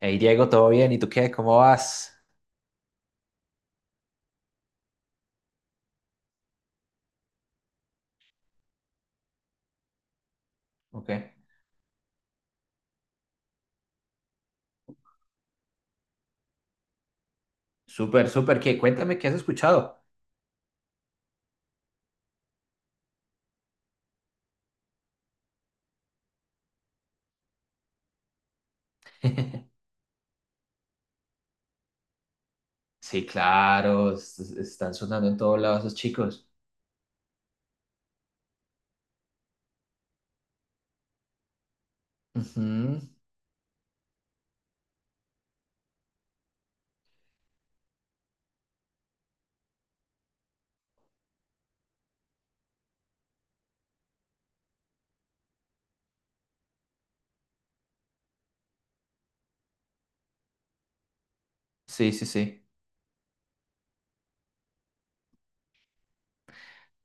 Hey Diego, ¿todo bien? ¿Y tú qué? ¿Cómo vas? Ok, súper, súper. ¿Qué? Cuéntame, ¿qué has escuchado? Sí, claro, están sonando en todos lados esos chicos. Ujú. Sí, sí, sí.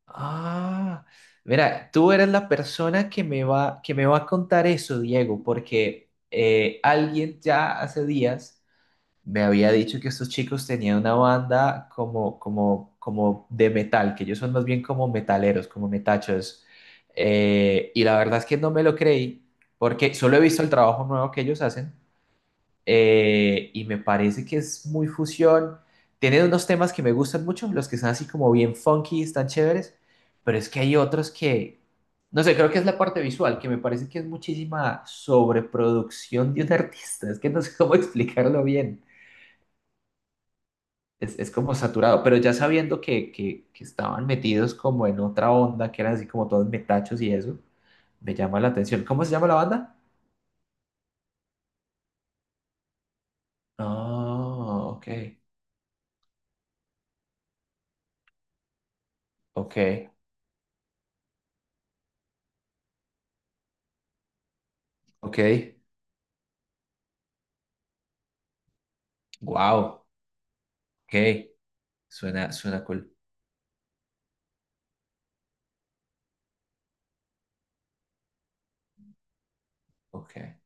Ah, mira, tú eres la persona que me va a contar eso, Diego, porque alguien ya hace días me había dicho que estos chicos tenían una banda como de metal, que ellos son más bien como metaleros, como metachos. Y la verdad es que no me lo creí, porque solo he visto el trabajo nuevo que ellos hacen y me parece que es muy fusión. Tienen unos temas que me gustan mucho, los que son así como bien funky, están chéveres, pero es que hay otros que, no sé, creo que es la parte visual, que me parece que es muchísima sobreproducción de un artista, es que no sé cómo explicarlo bien. Es como saturado, pero ya sabiendo que estaban metidos como en otra onda, que eran así como todos metachos y eso, me llama la atención. ¿Cómo se llama la banda? Ah, ok, ok, ok, wow, ok, suena, suena cool, ok.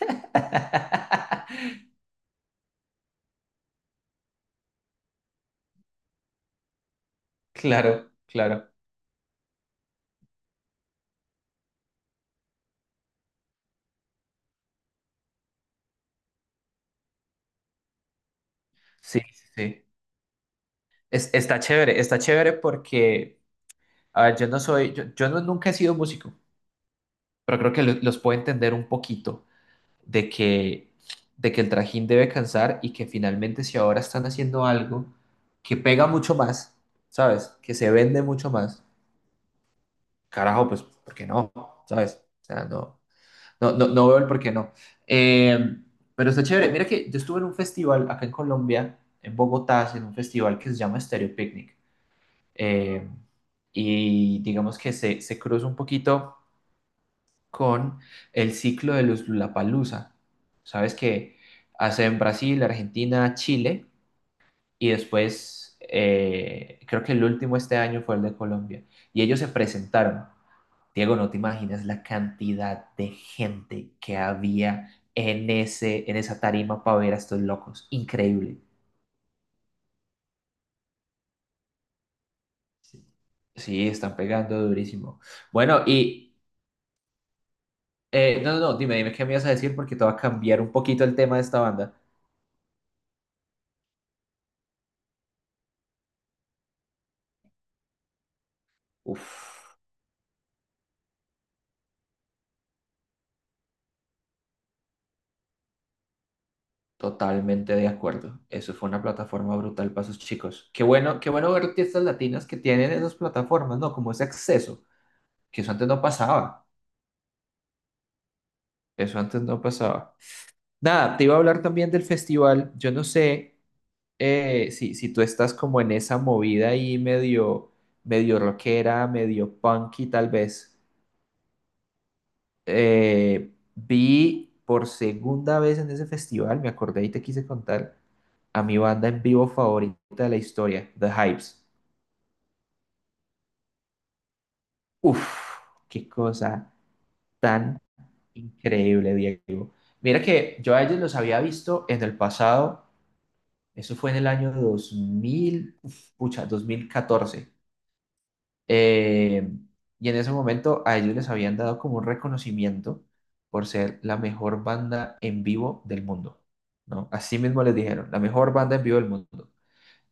Claro, claro. Sí, sí, sí. Está chévere, está chévere porque, a ver, yo no soy, yo no, nunca he sido músico, pero creo que los puedo entender un poquito. de que, de que el trajín debe cansar y que finalmente si ahora están haciendo algo que pega mucho más, ¿sabes? Que se vende mucho más, carajo, pues, ¿por qué no? ¿Sabes? O sea, no, no, no, no veo el por qué no. Eh, pero está chévere. Mira que yo estuve en un festival acá en Colombia, en Bogotá, en un festival que se llama Stereo Picnic. Eh, y digamos que se cruza un poquito con el ciclo de los Lollapalooza. Sabes que hacen Brasil, Argentina, Chile y después creo que el último este año fue el de Colombia. Y ellos se presentaron. Diego, no te imaginas la cantidad de gente que había en esa tarima para ver a estos locos. Increíble. Sí, están pegando durísimo. Bueno, y no, no, no, dime, dime qué me ibas a decir porque te va a cambiar un poquito el tema de esta banda. Uf. Totalmente de acuerdo. Eso fue una plataforma brutal para esos chicos. Qué bueno ver artistas latinas que tienen esas plataformas, ¿no? Como ese acceso, que eso antes no pasaba. Eso antes no pasaba. Nada, te iba a hablar también del festival. Yo no sé si tú estás como en esa movida ahí medio, medio rockera, medio punky tal vez. Vi por segunda vez en ese festival, me acordé y te quise contar, a mi banda en vivo favorita de la historia, The Hypes. Uf, qué cosa tan increíble, Diego. Mira que yo a ellos los había visto en el pasado, eso fue en el año 2000, uf, pucha, 2014. Eh, y en ese momento a ellos les habían dado como un reconocimiento por ser la mejor banda en vivo del mundo, ¿no? Así mismo les dijeron, la mejor banda en vivo del mundo.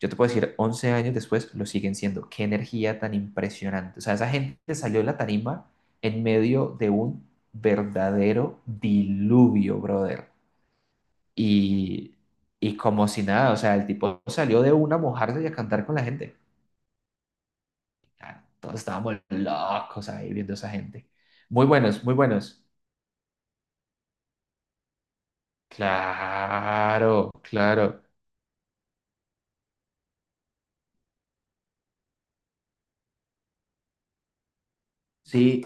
Yo te puedo decir, 11 años después lo siguen siendo. Qué energía tan impresionante. O sea, esa gente salió de la tarima en medio de un verdadero diluvio, brother. Y, y como si nada, o sea, el tipo salió de una a mojarse y a cantar con la gente. Ah, todos estábamos locos ahí viendo a esa gente. Muy buenos, muy buenos. Claro, claro. Sí,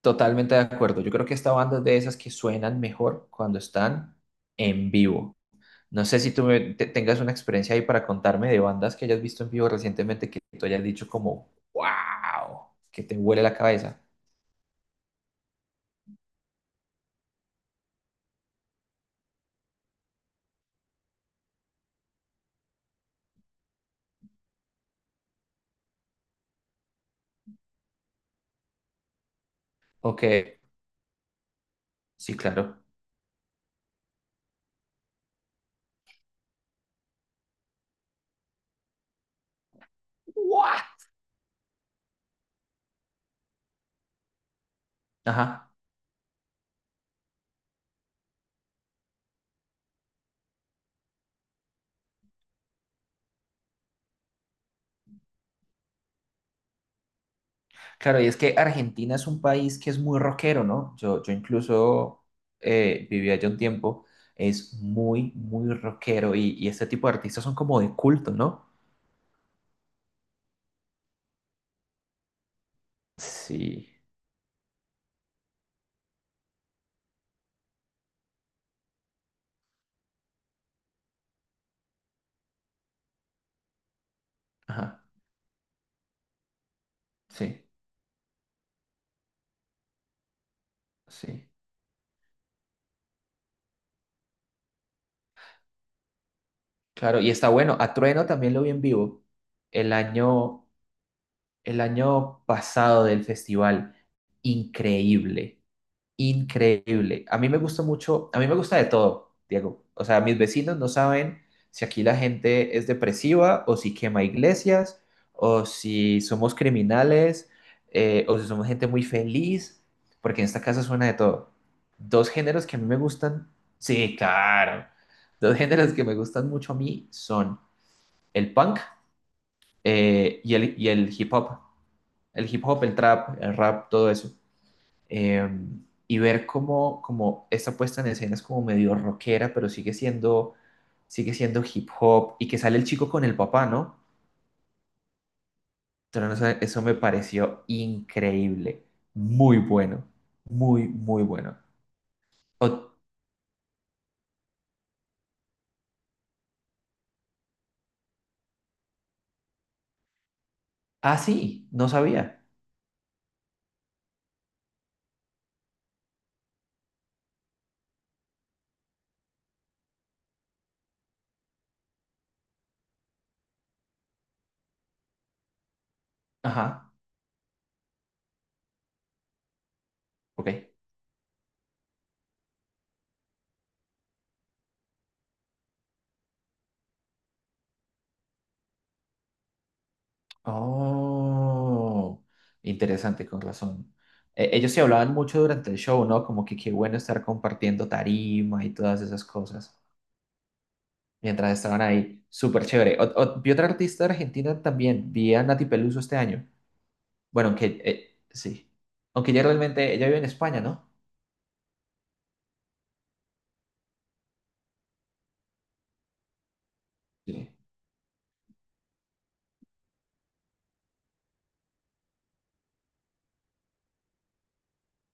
totalmente de acuerdo. Yo creo que esta banda es de esas que suenan mejor cuando están en vivo. No sé si tengas una experiencia ahí para contarme de bandas que hayas visto en vivo recientemente que tú hayas dicho como, wow, que te huele la cabeza. O que, sí, claro. ¡Guau! Ajá. Claro, y es que Argentina es un país que es muy rockero, ¿no? Yo incluso viví allá un tiempo, es muy, muy rockero y este tipo de artistas son como de culto, ¿no? Sí, ajá, sí, sí. Claro, y está bueno. A Trueno también lo vi en vivo el año el año pasado del festival. Increíble, increíble. A mí me gusta mucho, a mí me gusta de todo, Diego. O sea, mis vecinos no saben si aquí la gente es depresiva o si quema iglesias o si somos criminales o si somos gente muy feliz, porque en esta casa suena de todo. Dos géneros que a mí me gustan, sí, claro. Dos géneros que me gustan mucho a mí son el punk y y el hip hop, el hip hop, el trap, el rap, todo eso. Eh, y ver cómo, como esta puesta en escena es como medio rockera, pero sigue siendo hip hop y que sale el chico con el papá, ¿no? Entonces, no sé, eso me pareció increíble, muy bueno, muy, muy bueno. O- ah, sí, no sabía. Ajá, ok. Oh, interesante, con razón. Ellos se hablaban mucho durante el show, ¿no? Como que qué bueno estar compartiendo tarima y todas esas cosas, mientras estaban ahí. Súper chévere. Vi otra artista de Argentina también. Vi a Nati Peluso este año. Bueno, aunque sí. Aunque ya realmente ella vive en España, ¿no? Sí.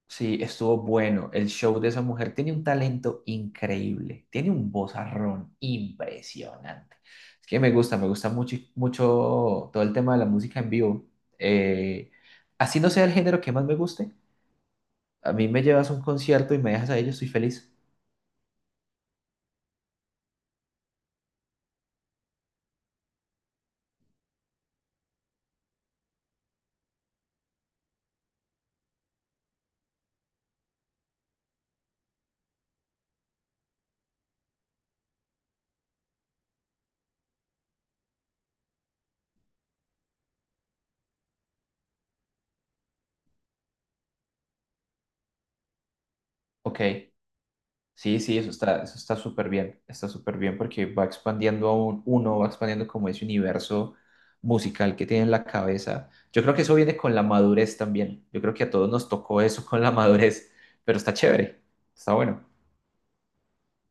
Sí, estuvo bueno. El show de esa mujer tiene un talento increíble. Tiene un vozarrón impresionante. Es que me gusta mucho, mucho todo el tema de la música en vivo. Eh, Así no sea el género que más me guste. A mí me llevas a un concierto y me dejas ahí, yo estoy feliz. Ok. Sí, sí, eso está súper bien porque va expandiendo aún uno, va expandiendo como ese universo musical que tiene en la cabeza. Yo creo que eso viene con la madurez también. Yo creo que a todos nos tocó eso con la madurez, pero está chévere, está bueno.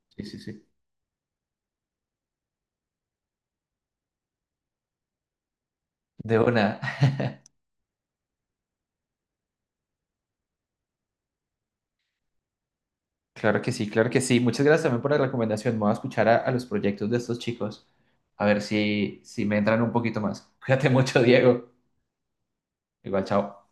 Sí, sí, sí. De una. Claro que sí, claro que sí. Muchas gracias también por la recomendación. Me voy a escuchar a los proyectos de estos chicos, a ver si me entran un poquito más. Cuídate mucho, Diego. Igual, chao.